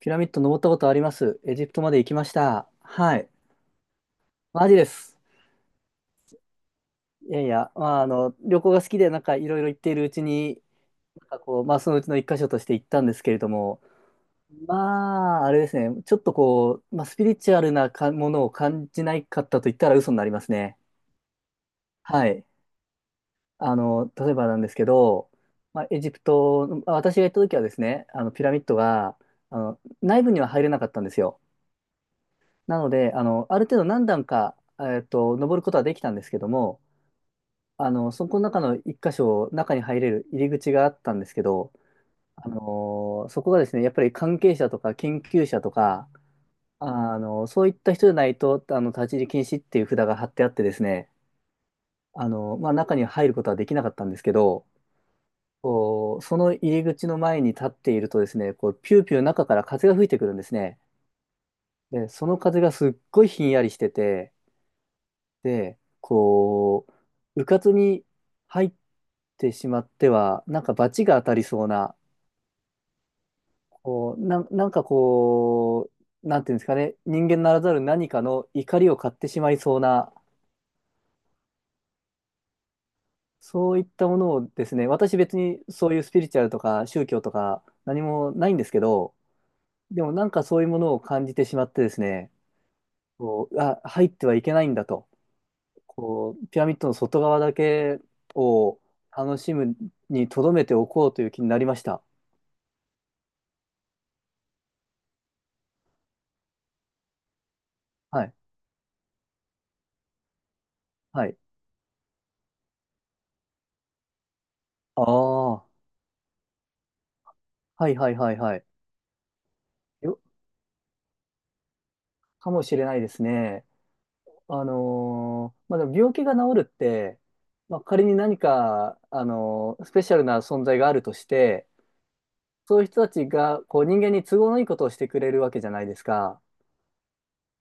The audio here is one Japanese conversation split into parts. ピラミッド登ったことあります。エジプトまで行きました。はい。マジです。いやいや、まあ、旅行が好きで、なんかいろいろ行っているうちに、なんかこう、まあ、そのうちの一箇所として行ったんですけれども、まあ、あれですね、ちょっとこう、まあ、スピリチュアルなかものを感じないかったと言ったら嘘になりますね。はい。例えばなんですけど、まあ、エジプト、まあ私が行った時はですね、ピラミッドが、内部には入れなかったんですよ。なので、ある程度何段か、登ることはできたんですけども、そこの中の一箇所、中に入れる入り口があったんですけど、あのそこがですね、やっぱり関係者とか研究者とか、そういった人じゃないと、立ち入り禁止っていう札が貼ってあってですね、まあ、中に入ることはできなかったんですけど、こう、その入り口の前に立っているとですね、こう、ピューピュー中から風が吹いてくるんですね。で、その風がすっごいひんやりしてて、で、こう、うかつに入ってしまっては、なんか罰が当たりそうな、こう、なんかこう、なんていうんですかね、人間ならざる何かの怒りを買ってしまいそうな、そういったものをですね、私別にそういうスピリチュアルとか宗教とか何もないんですけど、でもなんかそういうものを感じてしまってですね、こう、あ、入ってはいけないんだと。こう、ピラミッドの外側だけを楽しむに留めておこうという気になりました。はい。はい。ああ、はいはいはいはい。よ、かもしれないですね。まあ、でも病気が治るって、まあ、仮に何か、スペシャルな存在があるとして、そういう人たちがこう人間に都合のいいことをしてくれるわけじゃないですか。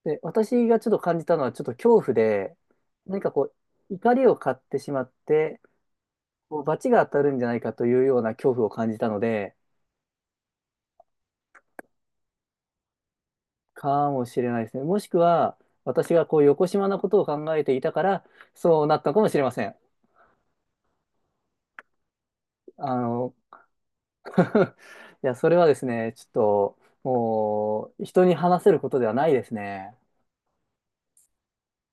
で、私がちょっと感じたのはちょっと恐怖で、何かこう、怒りを買ってしまって、こう罰が当たるんじゃないかというような恐怖を感じたので、かもしれないですね。もしくは、私がこう、横島なことを考えていたから、そうなったかもしれません。あの、いや、それはですね、ちょっと、もう、人に話せることではないですね。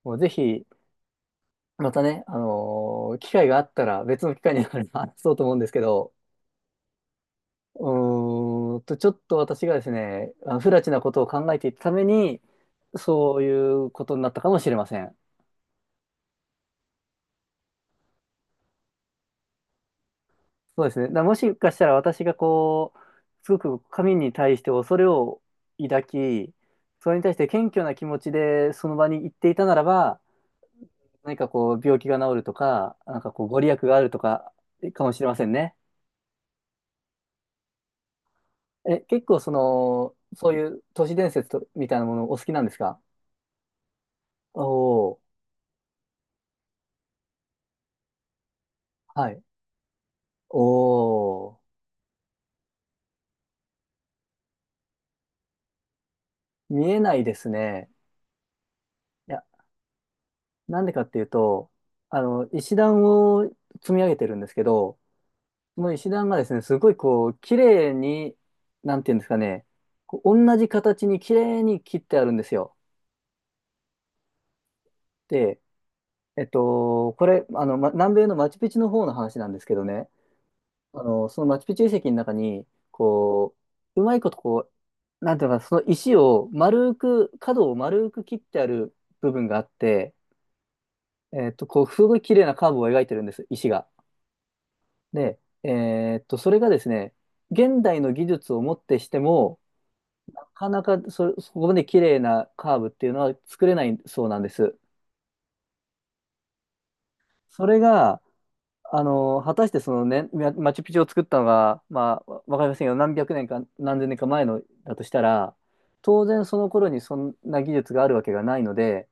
もう、ぜひ、またね、機会があったら、別の機会になれば話そうと思うんですけど、ちょっと私がですね、不埒なことを考えていたために、そういうことになったかもしれません。そうですね。だからもしかしたら私がこう、すごく神に対して恐れを抱き、それに対して謙虚な気持ちでその場に行っていたならば、何かこう病気が治るとか、なんかこうご利益があるとかかもしれませんね。え、結構その、そういう都市伝説とみたいなものお好きなんですか？おおー、はい。おお、見えないですね。いや、なんでかっていうと、石段を積み上げてるんですけど、その石段がですね、すごいこう、綺麗に、なんていうんですかね、こう同じ形に綺麗に切ってあるんですよ。で、これ、ま、南米のマチュピチュの方の話なんですけどね、そのマチュピチュ遺跡の中に、こう、うまいことこう、なんていうのかな、その石を丸く、角を丸く切ってある部分があって、こう、すごい綺麗なカーブを描いてるんです、石が。で、それがですね、現代の技術をもってしても、なかなかそこまで綺麗なカーブっていうのは作れないそうなんです。それが、果たしてそのね、マチュピチュを作ったのが、まあ、わかりませんよ。何百年か何千年か前のだとしたら、当然その頃にそんな技術があるわけがないので、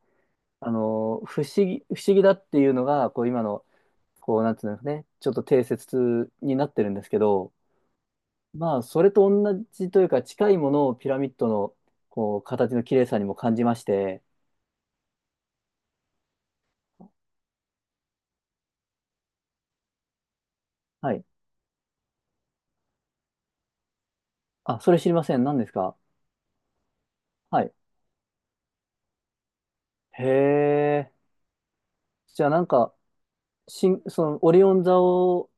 不思議だっていうのが、こう今の、こう、なんていうんですかね、ちょっと定説になってるんですけど、まあ、それと同じというか、近いものをピラミッドの、こう、形の綺麗さにも感じまして、はい。あ、それ知りません。何ですか？はい。へえ。じゃあなんか、その、オリオン座を、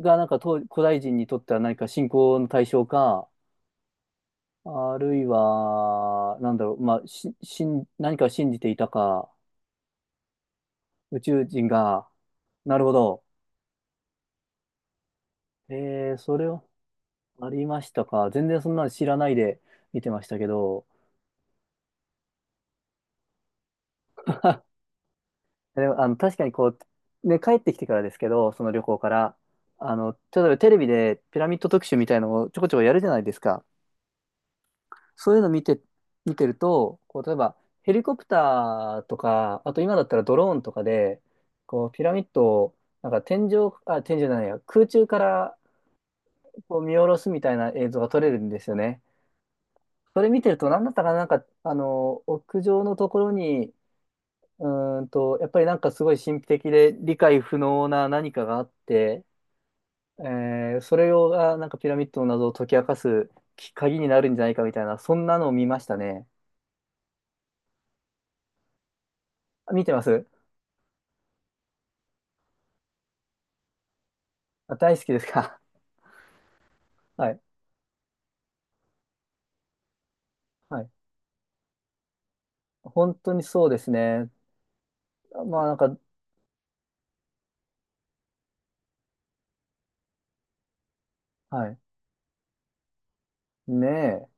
がなんか古代人にとっては何か信仰の対象か、あるいは、なんだろう、まあ、し、しん、何かを信じていたか、宇宙人が、なるほど。へえー、それはありましたか。全然そんなの知らないで見てましたけど。でも、確かにこう、ね、帰ってきてからですけど、その旅行から、例えばテレビでピラミッド特集みたいのをちょこちょこやるじゃないですか。そういうの見て、見てると、こう、例えばヘリコプターとか、あと今だったらドローンとかで、こう、ピラミッドを、なんか天井、あ、天井じゃないや、空中からこう見下ろすみたいな映像が撮れるんですよね。それ見てると、何だったかな、なんか、屋上のところに、うやっぱりなんかすごい神秘的で理解不能な何かがあって、えそれをがなんかピラミッドの謎を解き明かす鍵になるんじゃないかみたいな、そんなのを見ましたね。あ見てます。あ、大好きですか？ はい。はい。本当にそうですね。まあなんか、はい。ねえ。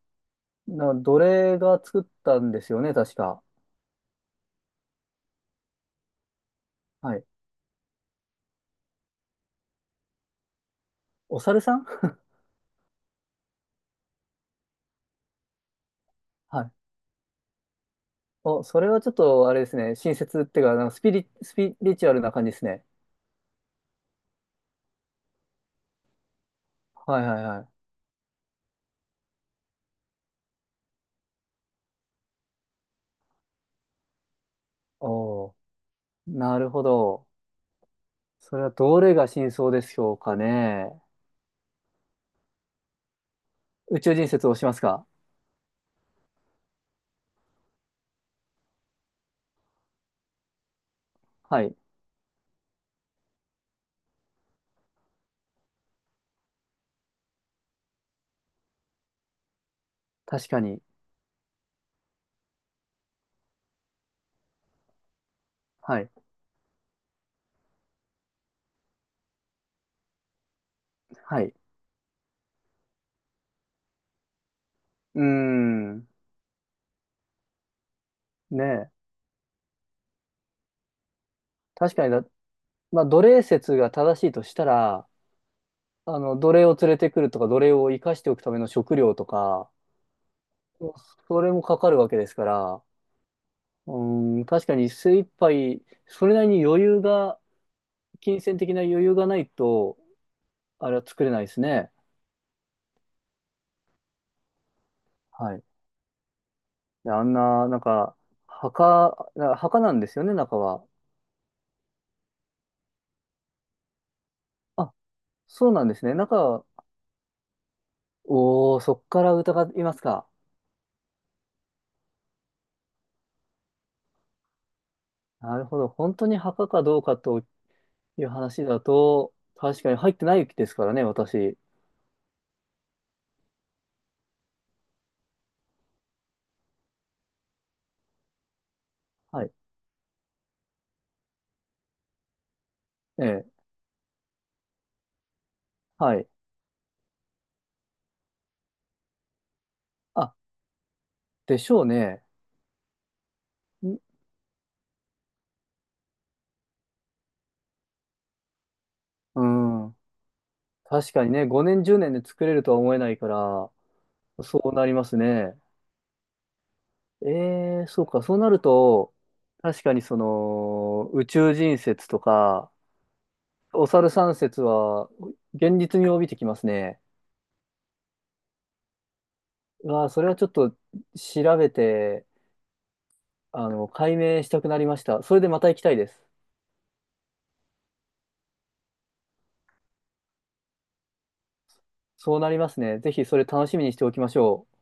奴隷が作ったんですよね、確か。はい。お猿さん。 はい。お、それはちょっとあれですね。親切っていうか、なんかスピリチュアルな感じですね。はいはいはい。お、なるほど。それはどれが真相でしょうかね。宇宙人説をしますか？はい。確かに。はい。はい。うーん。ねえ。確かにだ、まあ、奴隷説が正しいとしたら、奴隷を連れてくるとか、奴隷を生かしておくための食料とか、それもかかるわけですから、うーん、確かに精一杯、それなりに余裕が、金銭的な余裕がないと、あれは作れないですね。はい。であんな、なんか、墓なんですよね、中は。あ、そうなんですね。中は、おー、そっから疑いますか。なるほど。本当に墓かどうかという話だと、確かに入ってないですからね、私。はい。ええ。はい。あ、でしょうね。んうん。確かにね、5年、10年で作れるとは思えないから、そうなりますね。ええ、そうか。そうなると、確かにその、宇宙人説とか、お猿さん説は、現実味を帯びてきますね。うわあ、それはちょっと調べて、解明したくなりました。それでまた行きたいです。そうなりますね。ぜひそれ楽しみにしておきましょう。